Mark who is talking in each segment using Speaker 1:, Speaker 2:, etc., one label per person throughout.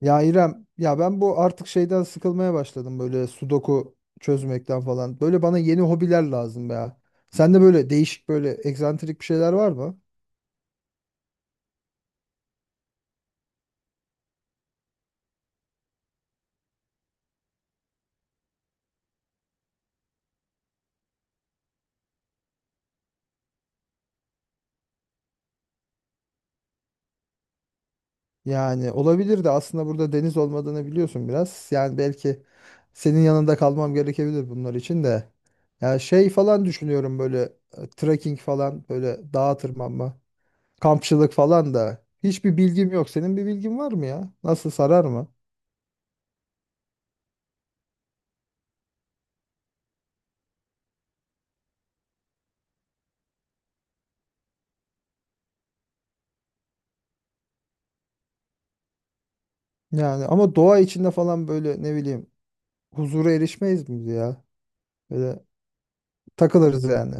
Speaker 1: Ya İrem, ya ben bu artık şeyden sıkılmaya başladım böyle sudoku çözmekten falan. Böyle bana yeni hobiler lazım ya. Sende böyle değişik böyle egzantrik bir şeyler var mı? Yani olabilir de aslında burada deniz olmadığını biliyorsun biraz. Yani belki senin yanında kalmam gerekebilir bunlar için de. Ya şey falan düşünüyorum böyle trekking falan böyle dağa tırmanma, kampçılık falan da. Hiçbir bilgim yok. Senin bir bilgin var mı ya? Nasıl sarar mı? Yani ama doğa içinde falan böyle ne bileyim huzura erişmeyiz mi ya? Böyle takılırız yani.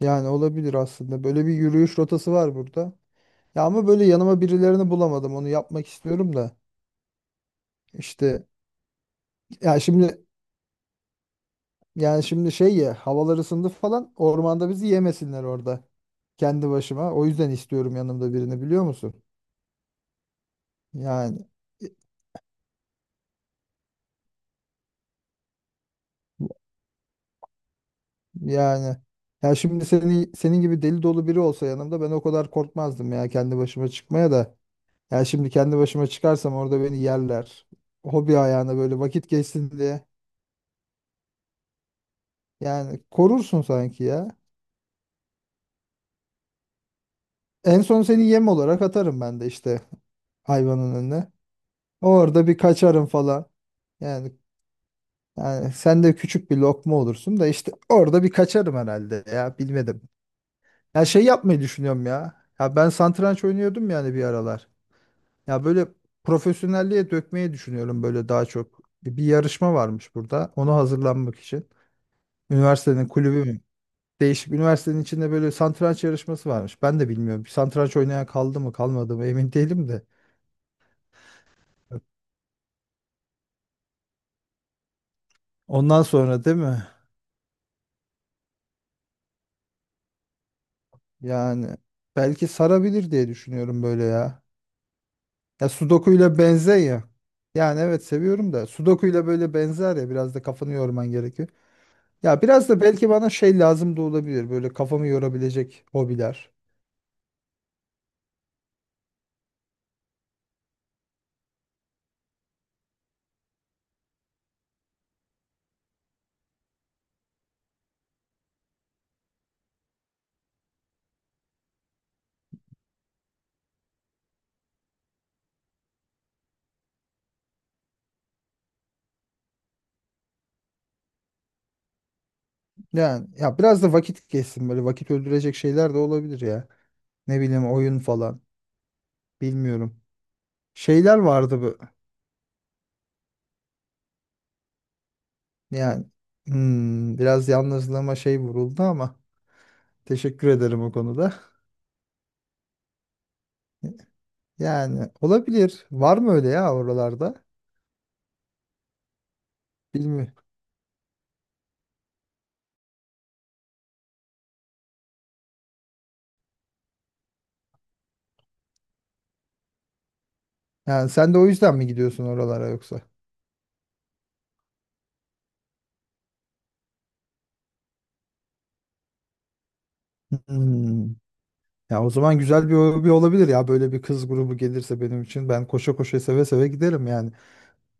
Speaker 1: Yani olabilir aslında. Böyle bir yürüyüş rotası var burada. Ya ama böyle yanıma birilerini bulamadım. Onu yapmak istiyorum da. İşte ya şimdi yani şimdi şey ya havalar ısındı falan ormanda bizi yemesinler orada. Kendi başıma. O yüzden istiyorum yanımda birini biliyor musun? Yani yani ya şimdi senin gibi deli dolu biri olsa yanımda ben o kadar korkmazdım ya kendi başıma çıkmaya da. Ya şimdi kendi başıma çıkarsam orada beni yerler. Hobi ayağına böyle vakit geçsin diye. Yani korursun sanki ya. En son seni yem olarak atarım ben de işte hayvanın önüne. Orada bir kaçarım falan. Yani, yani, sen de küçük bir lokma olursun da işte orada bir kaçarım herhalde ya bilmedim. Ya şey yapmayı düşünüyorum ya. Ya ben satranç oynuyordum yani bir aralar. Ya böyle profesyonelliğe dökmeyi düşünüyorum böyle daha çok. Bir yarışma varmış burada. Ona hazırlanmak için. Üniversitenin kulübü. Değişik üniversitenin içinde böyle satranç yarışması varmış. Ben de bilmiyorum. Bir satranç oynayan kaldı mı kalmadı mı emin değilim de. Ondan sonra değil mi? Yani belki sarabilir diye düşünüyorum böyle ya. Ya Sudoku ile benzer ya. Yani evet seviyorum da Sudoku ile böyle benzer ya biraz da kafanı yorman gerekiyor. Ya biraz da belki bana şey lazım da olabilir böyle kafamı yorabilecek hobiler. Yani ya biraz da vakit geçsin böyle vakit öldürecek şeyler de olabilir ya. Ne bileyim oyun falan bilmiyorum. Şeyler vardı bu. Yani biraz yalnızlığıma şey vuruldu ama teşekkür ederim o konuda. Yani olabilir. Var mı öyle ya oralarda? Bilmiyorum. Yani sen de o yüzden mi gidiyorsun oralara yoksa? Hmm. Ya o zaman güzel bir hobi olabilir ya. Böyle bir kız grubu gelirse benim için ben koşa koşa seve seve giderim yani.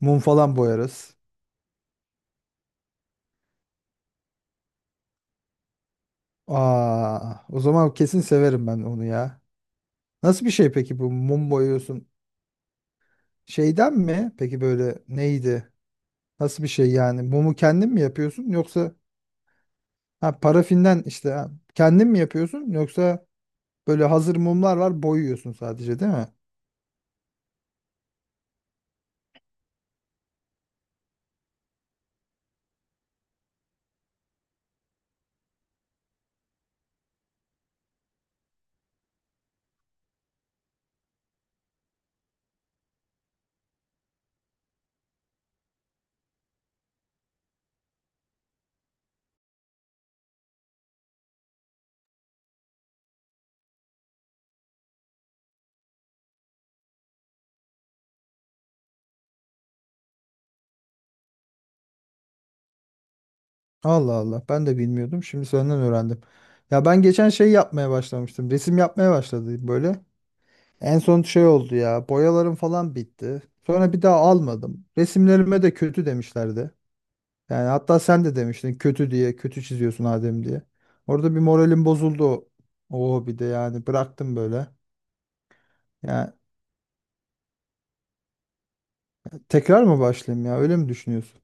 Speaker 1: Mum falan boyarız. Aa, o zaman kesin severim ben onu ya. Nasıl bir şey peki bu mum boyuyorsun? Şeyden mi? Peki böyle neydi? Nasıl bir şey yani? Mumu kendin mi yapıyorsun yoksa ha, parafinden işte ha, kendin mi yapıyorsun yoksa böyle hazır mumlar var boyuyorsun sadece değil mi? Allah Allah ben de bilmiyordum şimdi senden öğrendim. Ya ben geçen şey yapmaya başlamıştım resim yapmaya başladım böyle. En son şey oldu ya boyalarım falan bitti. Sonra bir daha almadım. Resimlerime de kötü demişlerdi. Yani hatta sen de demiştin kötü diye kötü çiziyorsun Adem diye. Orada bir moralim bozuldu. Oo bir de yani bıraktım böyle. Yani tekrar mı başlayayım ya? Öyle mi düşünüyorsun?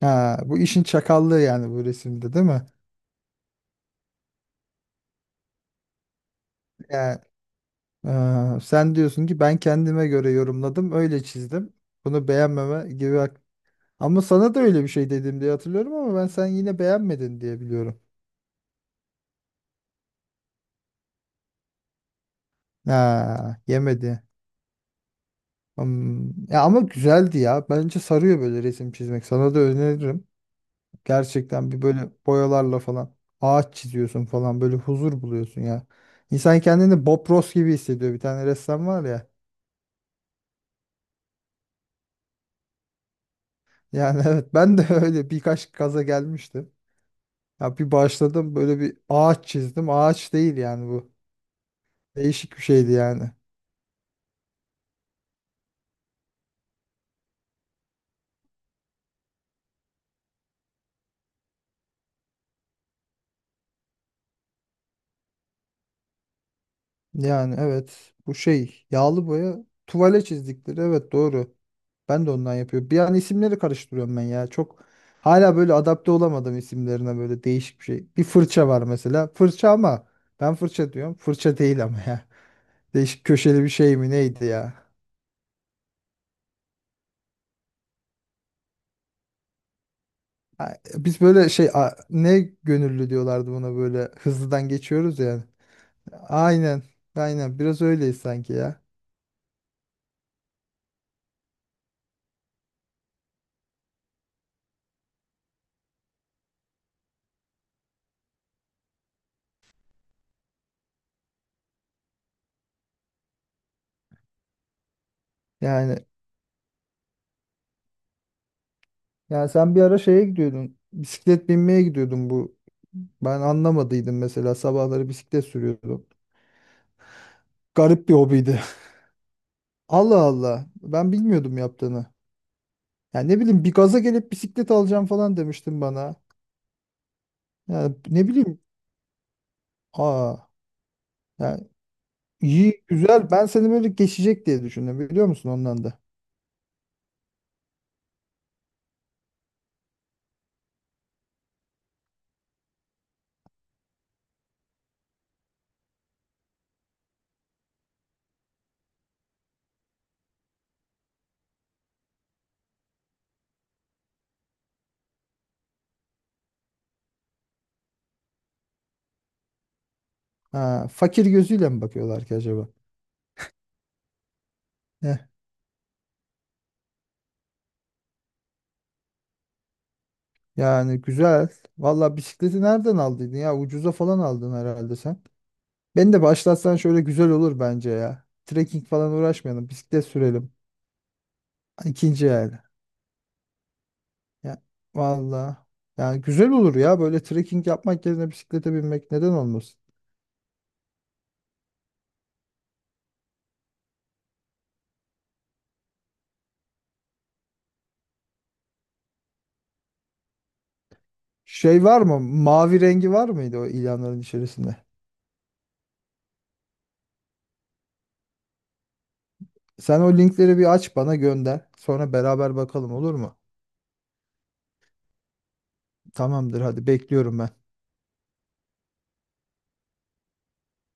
Speaker 1: Ha, bu işin çakallığı yani bu resimde değil mi? Yani, sen diyorsun ki ben kendime göre yorumladım, öyle çizdim. Bunu beğenmeme gibi hak. Ama sana da öyle bir şey dedim diye hatırlıyorum ama ben sen yine beğenmedin diye biliyorum. Ha, yemedi. Hmm, ya ama güzeldi ya. Bence sarıyor böyle resim çizmek. Sana da öneririm. Gerçekten bir böyle boyalarla falan ağaç çiziyorsun falan böyle huzur buluyorsun ya. İnsan kendini Bob Ross gibi hissediyor. Bir tane ressam var ya. Yani evet ben de öyle birkaç kaza gelmiştim. Ya bir başladım böyle bir ağaç çizdim. Ağaç değil yani bu. Değişik bir şeydi yani. Yani evet bu şey yağlı boya tuvale çizdikleri evet doğru. Ben de ondan yapıyorum. Bir an isimleri karıştırıyorum ben ya. Çok hala böyle adapte olamadım isimlerine böyle değişik bir şey. Bir fırça var mesela. Fırça ama ben fırça diyorum. Fırça değil ama ya. Değişik köşeli bir şey mi neydi ya? Ha, biz böyle şey ne gönüllü diyorlardı buna böyle hızlıdan geçiyoruz yani. Aynen. Aynen biraz öyleyiz sanki ya. Yani Yani sen bir ara şeye gidiyordun. Bisiklet binmeye gidiyordun bu. Ben anlamadıydım mesela sabahları bisiklet sürüyordum. Garip bir hobiydi. Allah Allah. Ben bilmiyordum yaptığını. Yani ne bileyim bir gaza gelip bisiklet alacağım falan demiştin bana. Yani ne bileyim. Aa. Yani iyi güzel. Ben seni böyle geçecek diye düşündüm biliyor musun ondan da. Ha, fakir gözüyle mi bakıyorlar ki acaba? Heh, yani güzel. Valla bisikleti nereden aldıydın ya? Ucuza falan aldın herhalde sen. Beni de başlatsan şöyle güzel olur bence ya. Trekking falan uğraşmayalım. Bisiklet sürelim. Hani İkinci yani. Ya, valla. Yani güzel olur ya. Böyle trekking yapmak yerine bisiklete binmek neden olmasın? Şey var mı? Mavi rengi var mıydı o ilanların içerisinde? Sen o linkleri bir aç bana gönder. Sonra beraber bakalım olur mu? Tamamdır hadi bekliyorum ben.